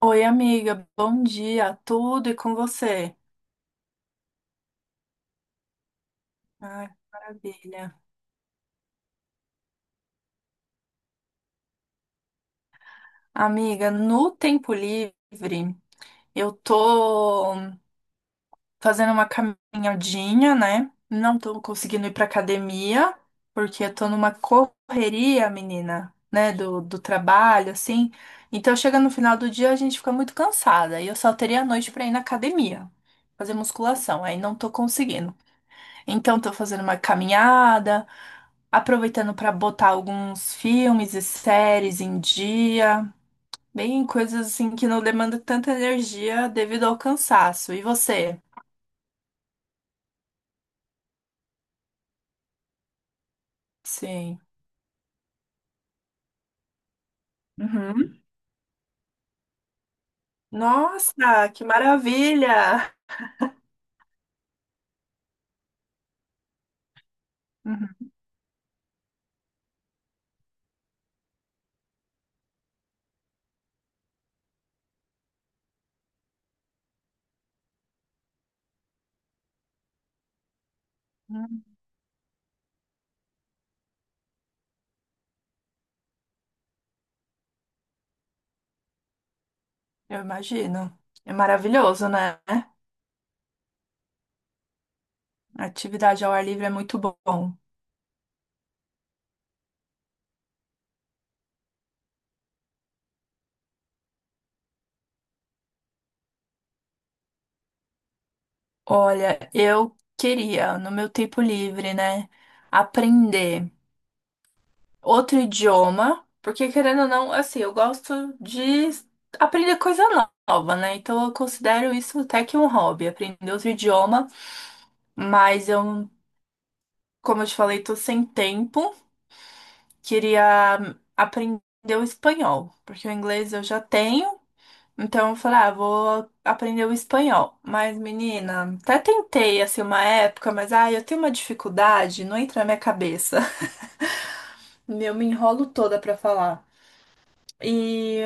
Oi, amiga, bom dia, tudo e com você? Ai, maravilha. Amiga, no tempo livre, eu tô fazendo uma caminhadinha, né? Não tô conseguindo ir pra academia, porque eu tô numa correria, menina, né? Do trabalho, assim. Então, chega no final do dia, a gente fica muito cansada, e eu só teria a noite pra ir na academia, fazer musculação, aí não tô conseguindo. Então, tô fazendo uma caminhada, aproveitando para botar alguns filmes e séries em dia, bem coisas assim que não demandam tanta energia devido ao cansaço. E você? Sim. Uhum. Nossa, que maravilha! Uhum. Eu imagino. É maravilhoso, né? Atividade ao ar livre é muito bom. Olha, eu queria, no meu tempo livre, né, aprender outro idioma, porque querendo ou não, assim, eu gosto de aprender coisa nova, né? Então eu considero isso até que um hobby, aprender outro idioma, mas eu, como eu te falei, tô sem tempo, queria aprender o espanhol, porque o inglês eu já tenho. Então eu falei, ah, vou aprender o espanhol. Mas, menina, até tentei assim uma época, mas eu tenho uma dificuldade, não entra na minha cabeça. Eu me enrolo toda pra falar. E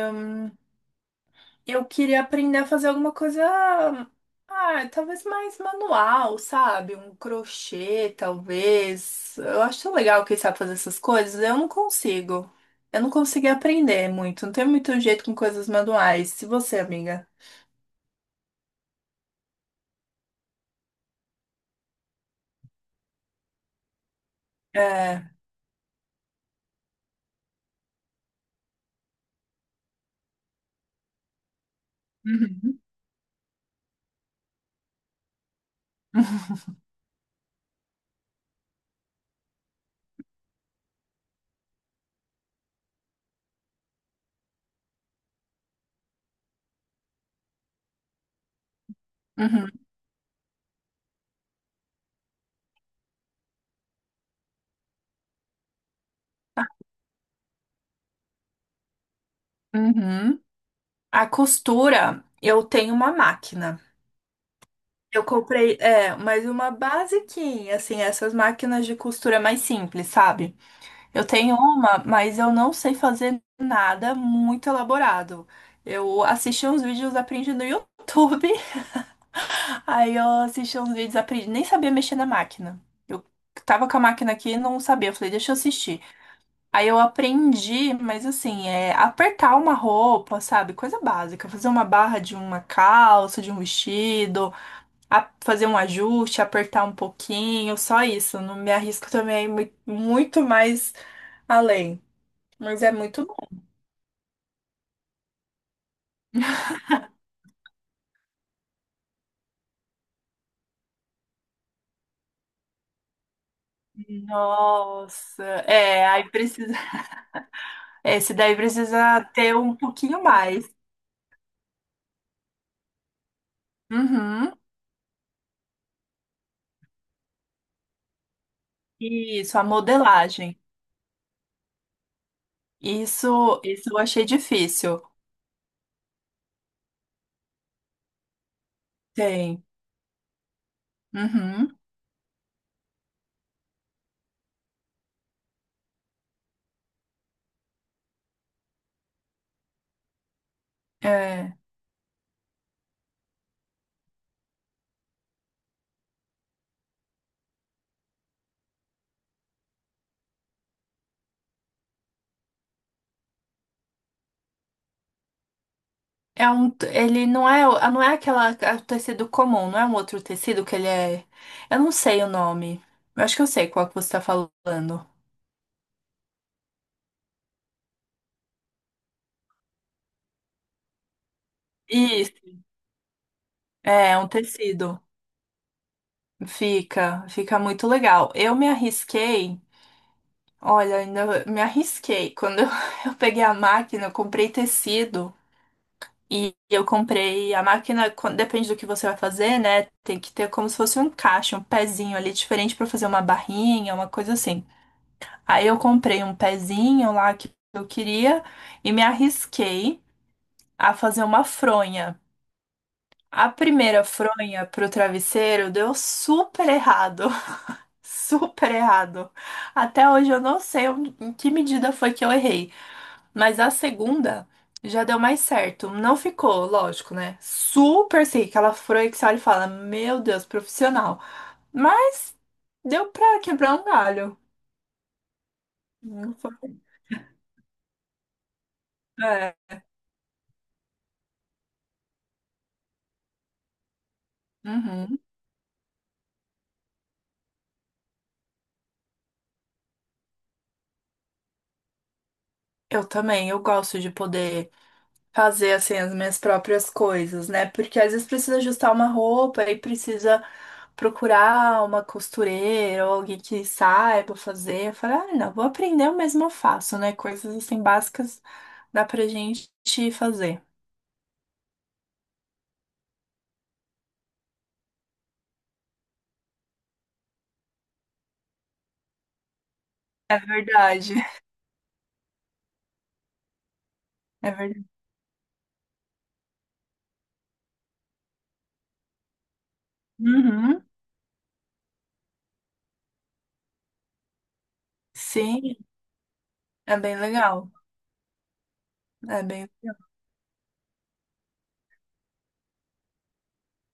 Eu queria aprender a fazer alguma coisa, ah, talvez mais manual, sabe? Um crochê, talvez. Eu acho tão legal quem sabe fazer essas coisas. Eu não consigo. Eu não consegui aprender muito. Não tenho muito jeito com coisas manuais. Se você, amiga. É. Uhum. Uhum, uhum. A costura, eu tenho uma máquina. Eu comprei, é, mas uma basiquinha, assim, essas máquinas de costura mais simples, sabe? Eu tenho uma, mas eu não sei fazer nada muito elaborado. Eu assisti uns vídeos, aprendi no YouTube. Aí eu assisti uns vídeos, aprendi, nem sabia mexer na máquina. Eu tava com a máquina aqui e não sabia. Eu falei, deixa eu assistir. Aí eu aprendi, mas assim, é apertar uma roupa, sabe? Coisa básica. Fazer uma barra de uma calça, de um vestido, a- fazer um ajuste, apertar um pouquinho, só isso. Não me arrisco também muito mais além. Mas é muito. Nossa, é, aí precisa, esse daí precisa ter um pouquinho mais. Uhum. Isso, a modelagem. Isso eu achei difícil. Tem. Uhum. É. É um, ele não é, não é aquela, é o tecido comum, não é um outro tecido que ele é. Eu não sei o nome. Eu acho que eu sei qual que você está falando. Isso, é, é um tecido. Fica, fica muito legal. Eu me arrisquei. Olha, ainda me arrisquei. Quando eu, eu peguei a máquina, eu comprei tecido e eu comprei a máquina, quan- depende do que você vai fazer, né? Tem que ter como se fosse um encaixe, um pezinho ali diferente pra fazer uma barrinha, uma coisa assim. Aí eu comprei um pezinho lá que eu queria e me arrisquei a fazer uma fronha. A primeira fronha pro travesseiro deu super errado, super errado. Até hoje eu não sei onde- em que medida foi que eu errei. Mas a segunda já deu mais certo. Não ficou, lógico, né? Super seca. Ela furou que você olha e fala: Meu Deus, profissional. Mas deu pra quebrar um galho. Não foi- É. Uhum. Eu também, eu gosto de poder fazer assim as minhas próprias coisas, né? Porque às vezes precisa ajustar uma roupa e precisa procurar uma costureira ou alguém que saiba fazer. Eu falo, ah, não, vou aprender, eu mesma faço, né? Coisas assim básicas dá pra gente fazer. É verdade, é verdade. Uhum. Sim, é bem legal. É bem...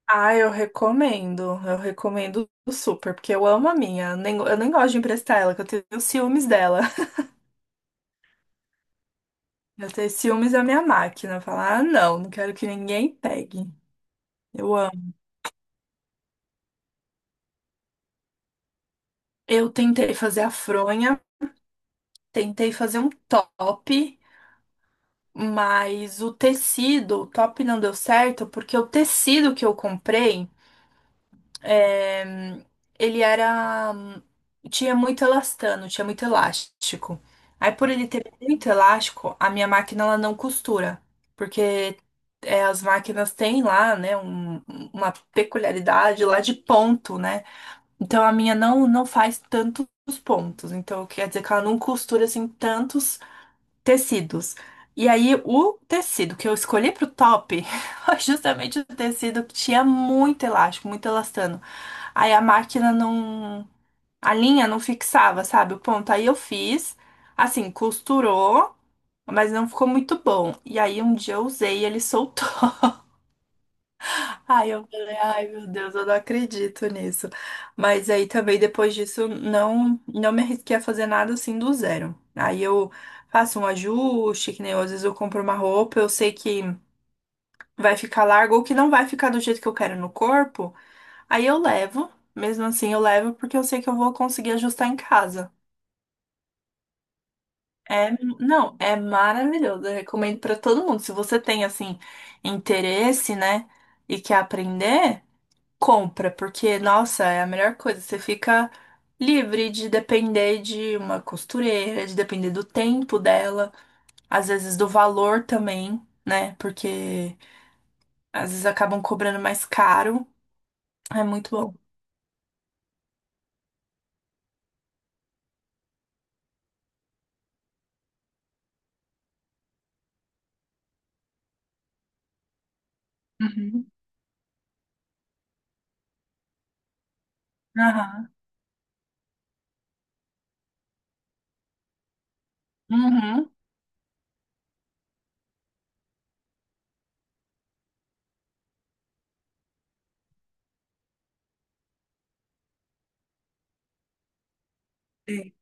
Ah, eu recomendo. Eu recomendo super, porque eu amo a minha. Eu nem gosto de emprestar ela, que eu tenho ciúmes dela. Eu tenho ciúmes da minha máquina. Falar, ah, não, quero que ninguém pegue. Eu amo. Eu tentei fazer a fronha, tentei fazer um top, mas o tecido, o top não deu certo, porque o tecido que eu comprei. É, ele era. Tinha muito elastano, tinha muito elástico. Aí, por ele ter muito elástico, a minha máquina ela não costura. Porque é, as máquinas têm lá, né, um- uma peculiaridade lá de ponto, né? Então a minha não faz tantos pontos. Então quer dizer que ela não costura assim tantos tecidos. E aí, o tecido que eu escolhi pro top foi justamente o tecido que tinha muito elástico, muito elastano. Aí a máquina não. A linha não fixava, sabe? O ponto. Aí eu fiz, assim, costurou, mas não ficou muito bom. E aí um dia eu usei e ele soltou. Aí eu falei, ai meu Deus, eu não acredito nisso. Mas aí também depois disso não me arrisquei a fazer nada assim do zero. Aí eu faço um ajuste, que nem eu, às vezes eu compro uma roupa, eu sei que vai ficar largo ou que não vai ficar do jeito que eu quero no corpo, aí eu levo. Mesmo assim eu levo porque eu sei que eu vou conseguir ajustar em casa. É, não, é maravilhoso. Eu recomendo pra todo mundo. Se você tem assim interesse, né, e quer aprender, compra, porque, nossa, é a melhor coisa. Você fica livre de depender de uma costureira, de depender do tempo dela, às vezes do valor também, né? Porque às vezes acabam cobrando mais caro. É muito bom. Uhum. Aham. Uhum. É.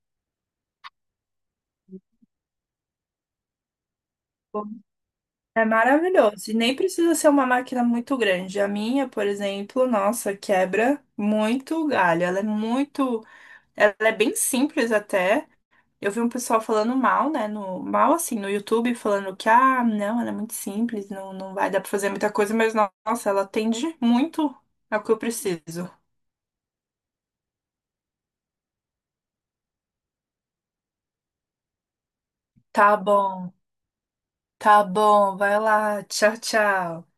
É maravilhoso. E nem precisa ser uma máquina muito grande. A minha, por exemplo, nossa, quebra muito galho. Ela é muito. Ela é bem simples até. Eu vi um pessoal falando mal, né? No, mal assim, no YouTube, falando que, ah, não, ela é muito simples, não, não vai dar pra fazer muita coisa, mas no- nossa, ela atende muito ao que eu preciso. Tá bom, tá bom, vai lá, tchau, tchau.